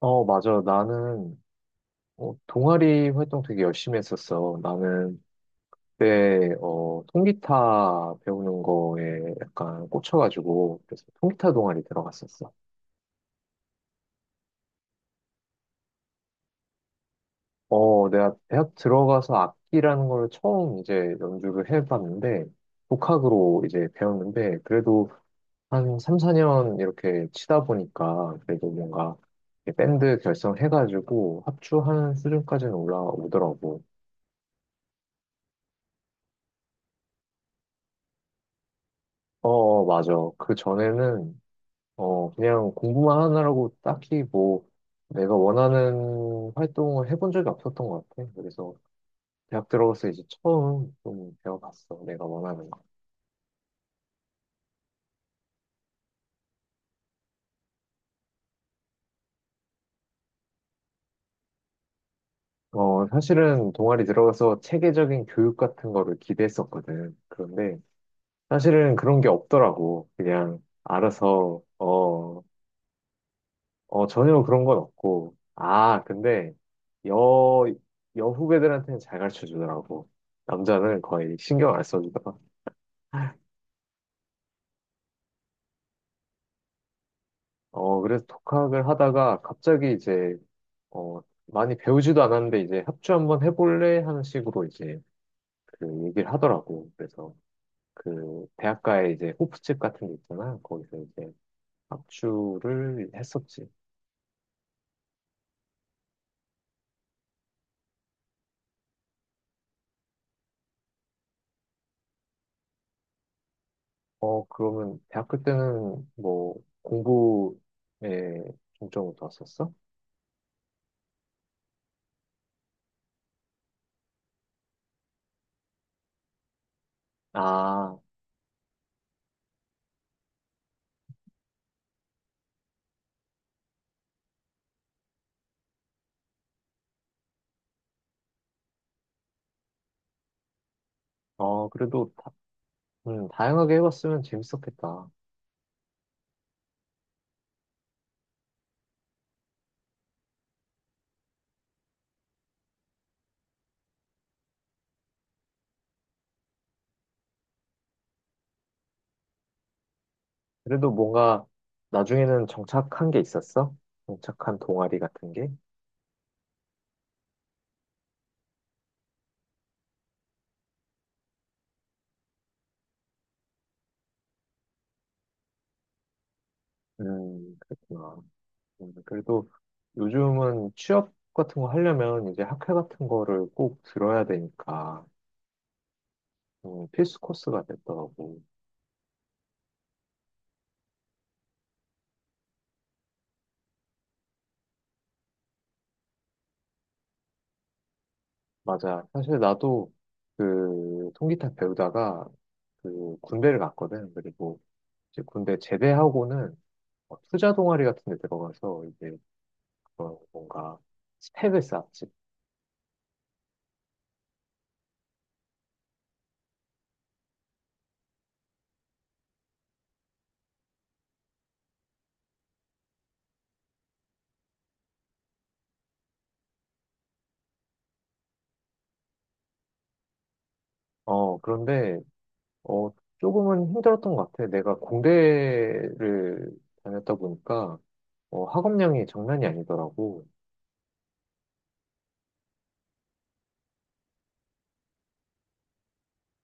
맞아. 나는, 동아리 활동 되게 열심히 했었어. 나는 그때, 통기타 배우는 거에 약간 꽂혀가지고, 그래서 통기타 동아리 들어갔었어. 내가 대학 들어가서 악기라는 걸 처음 이제 연주를 해봤는데, 독학으로 이제 배웠는데, 그래도 한 3, 4년 이렇게 치다 보니까, 그래도 뭔가, 이렇게 밴드 결성해가지고 합주하는 수준까지는 올라오더라고. 맞아. 그 전에는 그냥 공부만 하느라고 딱히 뭐 내가 원하는 활동을 해본 적이 없었던 것 같아. 그래서 대학 들어가서 이제 처음 좀 배워봤어. 내가 원하는 거. 사실은 동아리 들어가서 체계적인 교육 같은 거를 기대했었거든. 그런데 사실은 그런 게 없더라고. 그냥 알아서. 전혀 그런 건 없고. 아, 근데 여, 여 후배들한테는 잘 가르쳐 주더라고. 남자는 거의 신경 안 써주더라. 그래서 독학을 하다가 갑자기 이제, 어, 많이 배우지도 않았는데 이제 합주 한번 해볼래? 하는 식으로 이제 그 얘기를 하더라고. 그래서 그 대학가에 이제 호프집 같은 게 있잖아. 거기서 이제 합주를 했었지. 그러면 대학교 때는 뭐 공부에 중점을 뒀었어? 아, 그래도 다양하게 해봤으면 재밌었겠다. 그래도 뭔가 나중에는 정착한 게 있었어? 정착한 동아리 같은 게? 그랬구나. 그래도 요즘은 취업 같은 거 하려면 이제 학회 같은 거를 꼭 들어야 되니까, 필수 코스가 됐더라고. 맞아. 사실 나도 그 통기타 배우다가 그 군대를 갔거든. 그리고 이제 군대 제대하고는 투자 동아리 같은 데 들어가서 이제 그런 뭔가 스펙을 쌓지. 그런데 어, 조금은 힘들었던 것 같아. 내가 공대를 다녔다 보니까 학업량이 장난이 아니더라고.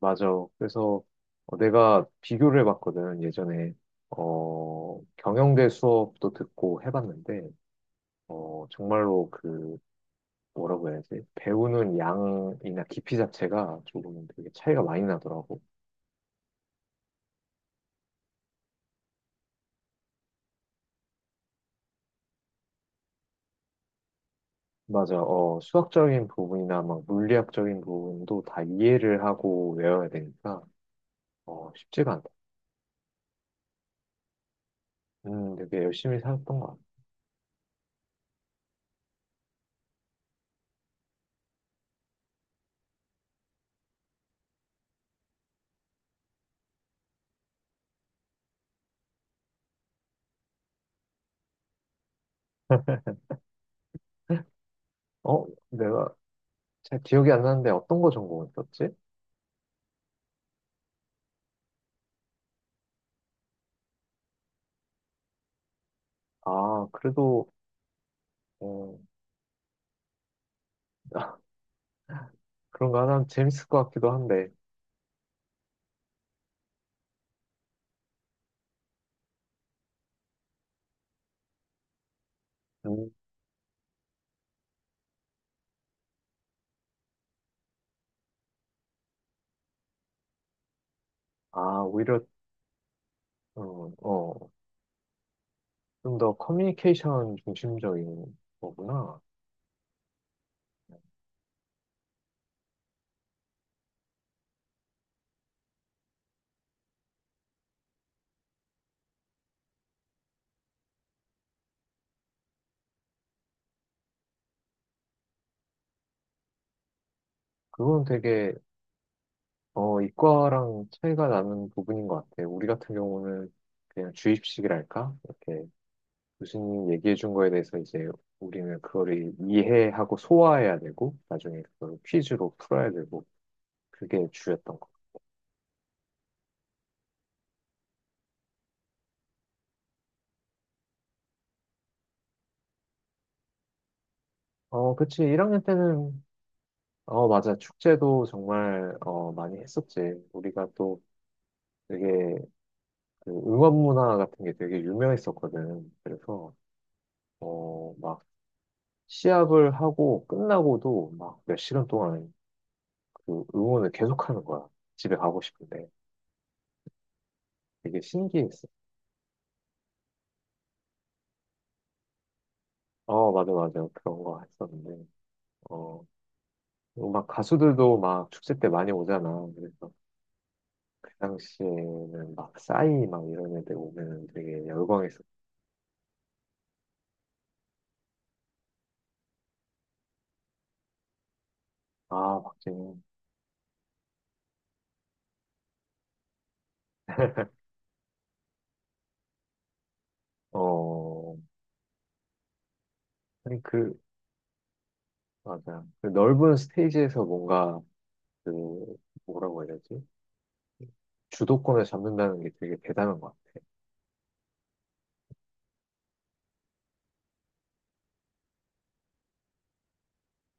맞아. 그래서 내가 비교를 해봤거든, 예전에. 경영대 수업도 듣고 해봤는데, 정말로 뭐라고 해야지? 배우는 양이나 깊이 자체가 조금 되게 차이가 많이 나더라고. 맞아. 수학적인 부분이나 막 물리학적인 부분도 다 이해를 하고 외워야 되니까, 쉽지가 않다. 되게 열심히 살았던 것 같아. 내가 잘 기억이 안 나는데 어떤 거 전공했었지? 아, 그래도, 어, 그런 거 하면 재밌을 것 같기도 한데, 음, 아, 오히려, 어, 어, 좀 더 커뮤니케이션 중심적인 거구나. 그건 되게, 이과랑 차이가 나는 부분인 것 같아. 우리 같은 경우는 그냥 주입식이랄까? 이렇게 교수님 얘기해 준 거에 대해서 이제 우리는 그거를 이해하고 소화해야 되고, 나중에 그걸 퀴즈로 풀어야 되고, 그게 주였던 거. 그치. 1학년 때는 맞아. 축제도 정말, 많이 했었지. 우리가 또 되게, 그 응원 문화 같은 게 되게 유명했었거든. 그래서, 막, 시합을 하고 끝나고도 막 몇 시간 동안 그 응원을 계속 하는 거야. 집에 가고 싶은데. 되게 신기했어. 맞아, 맞아. 그런 거 했었는데, 어, 그리고 막 가수들도 막 축제 때 많이 오잖아. 그래서 그 당시에는 막 싸이 막 이런 애들 오면 되게 열광했어. 아, 박진영. 어, 아니, 맞아. 그 넓은 스테이지에서 뭔가, 그, 뭐라고 해야 되지? 주도권을 잡는다는 게 되게 대단한 것 같아.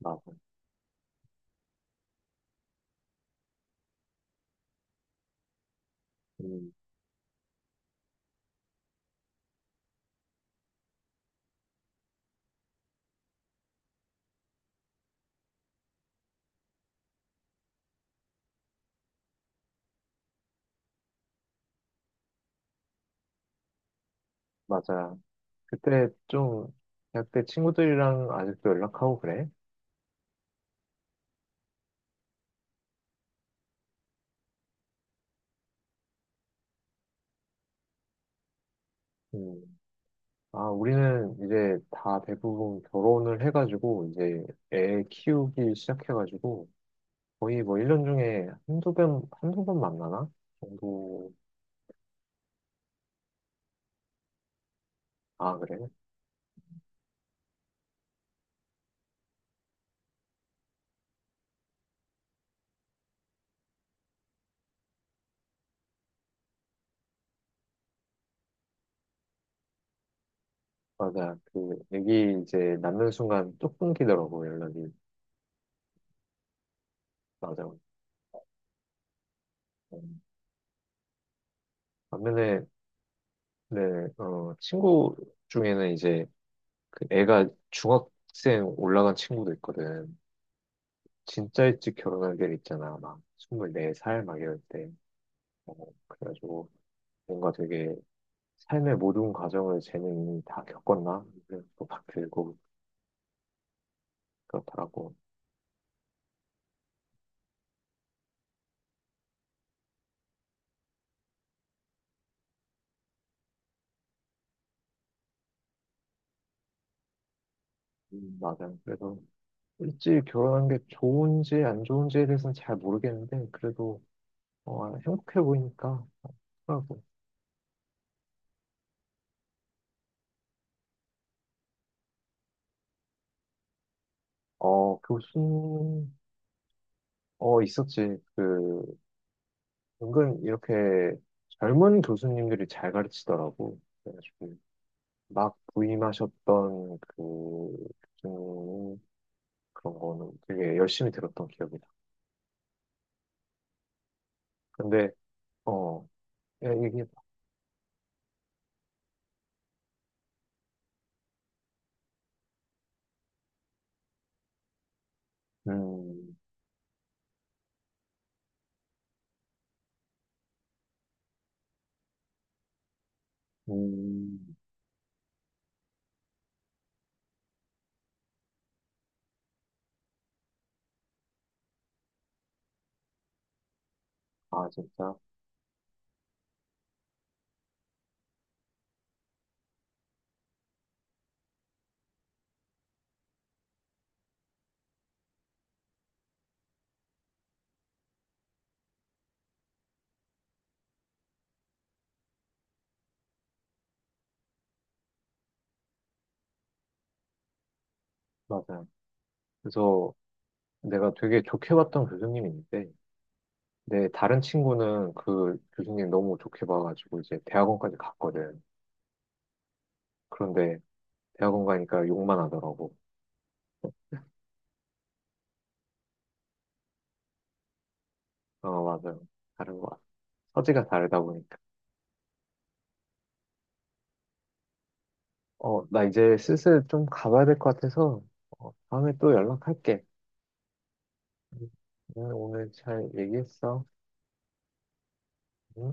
맞아. 음, 맞아. 그때 좀, 대학 때 친구들이랑 아직도 연락하고 그래? 음. 아, 우리는 이제 다 대부분 결혼을 해가지고, 이제 애 키우기 시작해가지고, 거의 뭐 1년 중에 한두 번, 한두 번 만나나? 정도. 아, 그래? 맞아. 애기 이제 낳는 순간 뚝 끊기더라고, 연락이. 맞아요. 음, 반면에, 네, 친구 중에는 이제 그 애가 중학생 올라간 친구도 있거든. 진짜 일찍 결혼할 때 있잖아. 막 24살 막 이럴 때. 어, 그래가지고 뭔가 되게 삶의 모든 과정을 쟤는 다 겪었나? 그래서 막 들고 그렇더라고. 맞아요. 그래서 일찍 결혼한 게 좋은지 안 좋은지에 대해서는 잘 모르겠는데, 그래도 행복해 보이니까. 하고. 어, 교수 있었지. 은근 이렇게 젊은 교수님들이 잘 가르치더라고. 그래가지고, 막 부임하셨던 그, 교수님 그런 거는 되게 열심히 들었던 기억이다. 근데, 어, 야, 얘기해봐. 음, 음, 아, 진짜? 맞아. 그래서 내가 되게 좋게 봤던 교수님이 있는데, 내 다른 친구는 그 교수님 너무 좋게 봐가지고 이제 대학원까지 갔거든. 그런데 대학원 가니까 욕만 하더라고. 맞아요. 다른 것 같아요. 서지가 다르다 보니까. 나 이제 슬슬 좀 가봐야 될 것 같아서, 다음에 또 연락할게. 응, 응, 오늘 잘 얘기했어. 응?